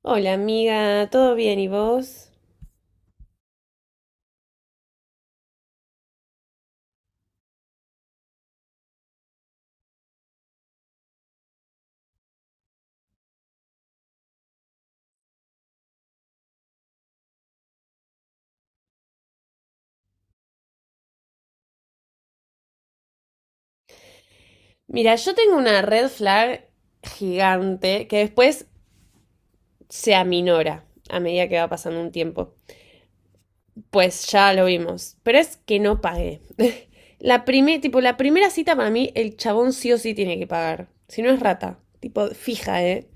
Hola amiga, ¿todo bien y vos? Mira, yo tengo una red flag gigante que después se aminora a medida que va pasando un tiempo. Pues ya lo vimos, pero es que no pagué. La primer, tipo, la primera cita para mí, el chabón sí o sí tiene que pagar. Si no es rata, tipo, fija, ¿eh?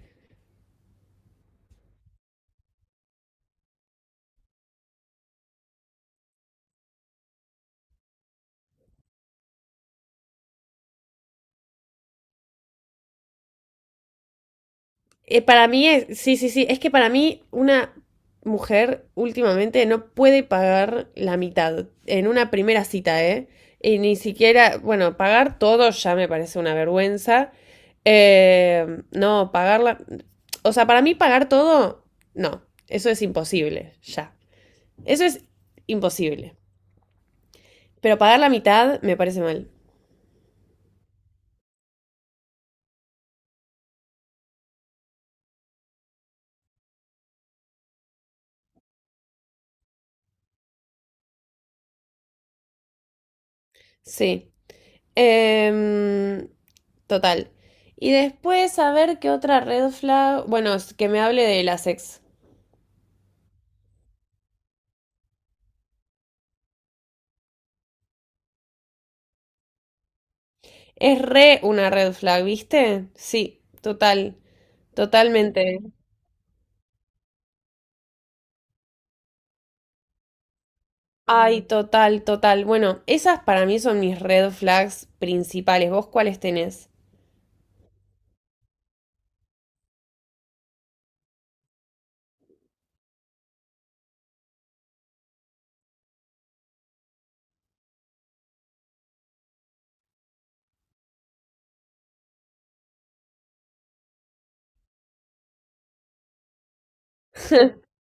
Para mí es, sí, sí, sí, es que para mí una mujer últimamente no puede pagar la mitad en una primera cita, ¿eh? Y ni siquiera, bueno, pagar todo ya me parece una vergüenza. Eh, no, pagarla, o sea, para mí pagar todo, no, eso es imposible, ya. Eso es imposible. Pero pagar la mitad me parece mal. Sí. Em, Total. Y después, a ver qué otra red flag. Bueno, es que me hable de las ex. Es re una red flag, ¿viste? Sí, total, totalmente. Ay, total, total. Bueno, esas para mí son mis red flags principales. ¿Vos cuáles tenés?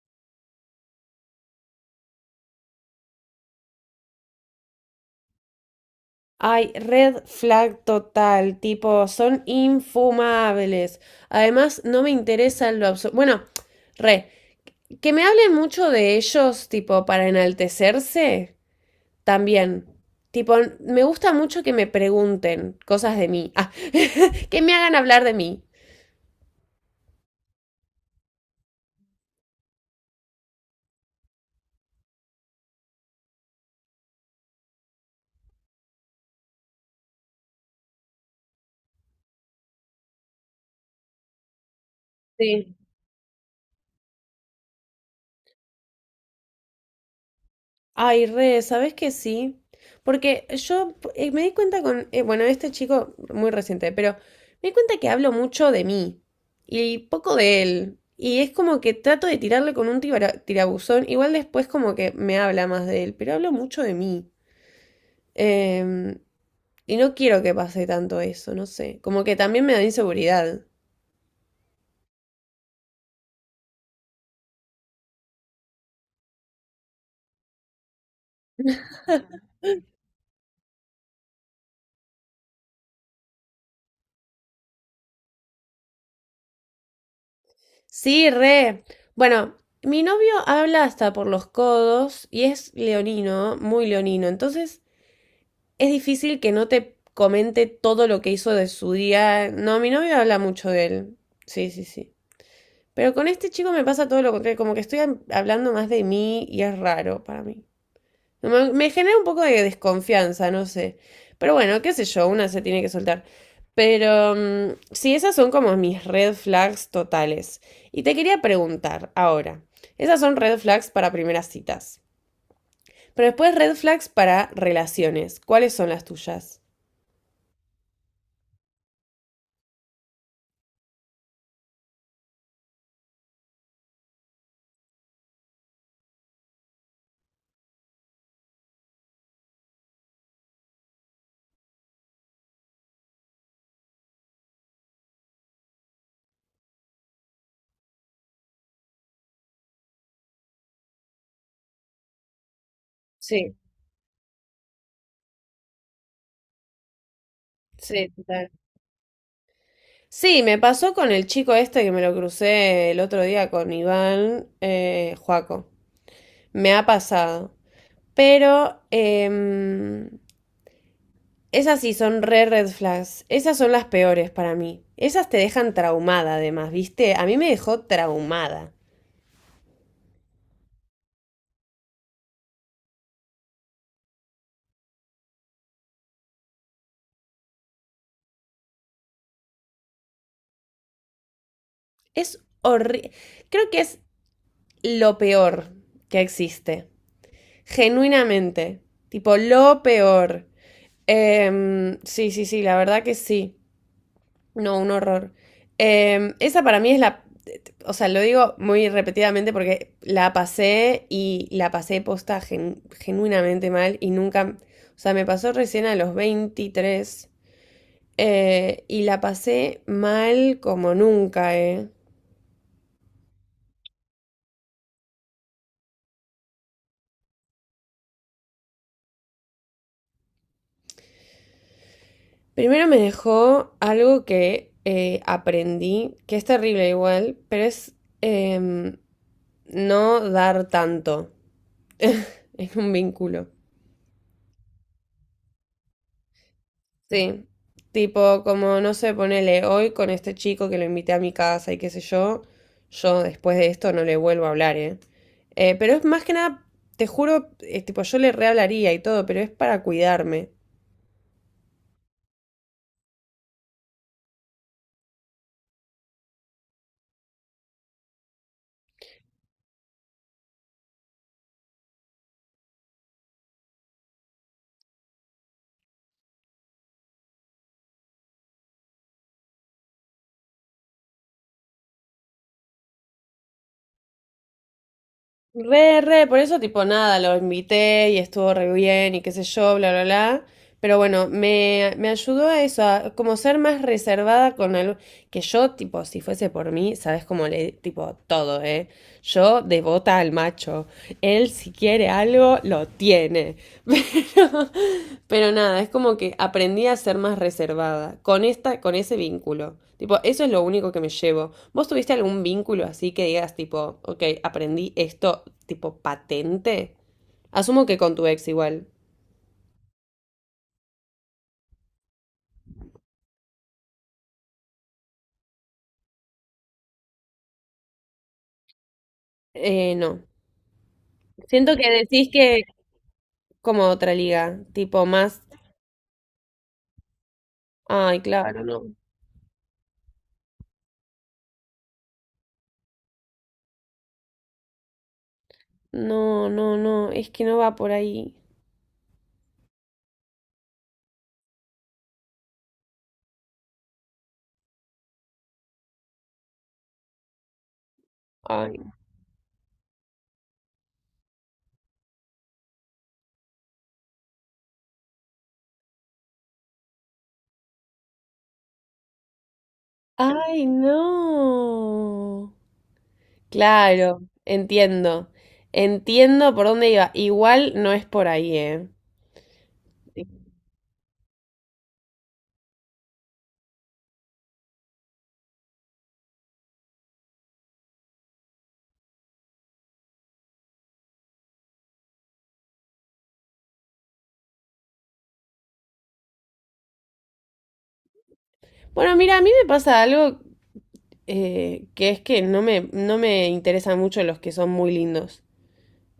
Ay, red flag total, tipo, son infumables. Además, no me interesa en lo absoluto. Bueno, re, que me hablen mucho de ellos, tipo, para enaltecerse, también. Tipo, me gusta mucho que me pregunten cosas de mí. Ah, que me hagan hablar de mí. Sí. Ay, re, ¿sabes que sí? Porque yo me di cuenta con, bueno, este chico muy reciente, pero me di cuenta que hablo mucho de mí y poco de él. Y es como que trato de tirarle con un tirabuzón. Igual después como que me habla más de él, pero hablo mucho de mí. Em, Y no quiero que pase tanto eso, no sé. Como que también me da inseguridad. Sí, re. Bueno, mi novio habla hasta por los codos y es leonino, muy leonino. Entonces es difícil que no te comente todo lo que hizo de su día. No, mi novio habla mucho de él. Sí, sí, sí. Pero con este chico me pasa todo lo contrario. Como que estoy hablando más de mí y es raro para mí. No, me genera un poco de desconfianza, no sé. Pero bueno, qué sé yo, una se tiene que soltar. Pero mm, sí, esas son como mis red flags totales. Y te quería preguntar ahora, esas son red flags para primeras citas. Pero después red flags para relaciones. ¿Cuáles son las tuyas? Sí, sí, total. Sí, me pasó con el chico este que me lo crucé el otro día con Iván Juaco. Me ha pasado. Pero esas sí son re red flags. Esas son las peores para mí. Esas te dejan traumada, además, ¿viste? A mí me dejó traumada. Es horrible. Creo que es lo peor que existe. Genuinamente. Tipo, lo peor. Sí, sí, sí, la verdad que sí. No, un horror. Esa para mí es la, o sea, lo digo muy repetidamente porque la pasé y la pasé posta genuinamente mal y nunca, o sea, me pasó recién a los 23 y la pasé mal como nunca, eh. Primero me dejó algo que aprendí, que es terrible igual, pero es em, no dar tanto en un vínculo. Sí, tipo, como no sé, ponele hoy con este chico que lo invité a mi casa y qué sé yo, yo después de esto no le vuelvo a hablar, ¿eh? Pero es más que nada, te juro, tipo, yo le rehablaría y todo, pero es para cuidarme. Re, re, por eso tipo nada, lo invité y estuvo re bien y qué sé yo, bla, bla, bla. Pero bueno, me ayudó a eso, a como ser más reservada con algo que yo, tipo, si fuese por mí, sabes cómo le, tipo, todo, ¿eh? Yo devota al macho. Él si quiere algo, lo tiene. Pero, pero nada, es como que aprendí a ser más reservada con, esta, con ese vínculo. Tipo, eso es lo único que me llevo. ¿Vos tuviste algún vínculo así que digas, tipo, ok, aprendí esto, tipo, patente? Asumo que con tu ex igual. No. Siento que decís que como otra liga, tipo más... Ay, claro. No, no, no, es que no va por ahí. Ay, ay, no. Claro, entiendo. Entiendo por dónde iba. Igual no es por ahí, ¿eh? Bueno, mira, a mí me pasa algo que es que no me interesan mucho los que son muy lindos.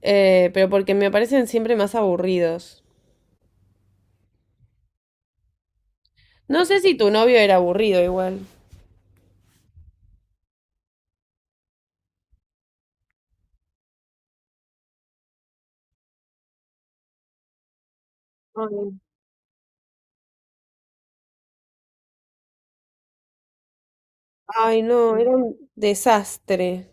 Pero porque me parecen siempre más aburridos. No sé si tu novio era aburrido igual. Ay, ay, no, era un desastre.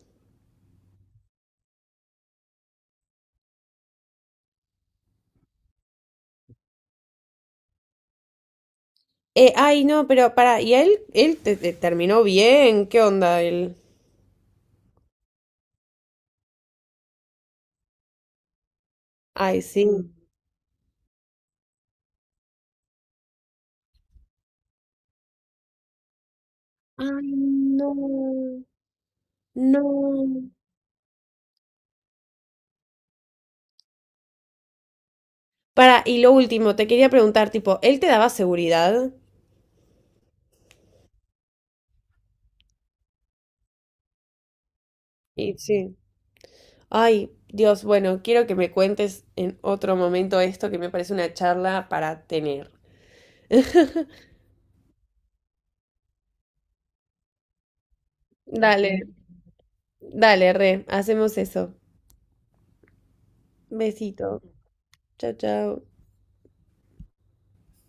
Ay, no, pero para, ¿y a él, te terminó bien? ¿Qué onda él? Ay, sí. Ay, no, no. Para, y lo último, te quería preguntar, tipo, ¿él te daba seguridad? Y sí. Ay, Dios, bueno, quiero que me cuentes en otro momento esto que me parece una charla para tener. Dale, dale, re, hacemos eso. Besito. Chao, chao.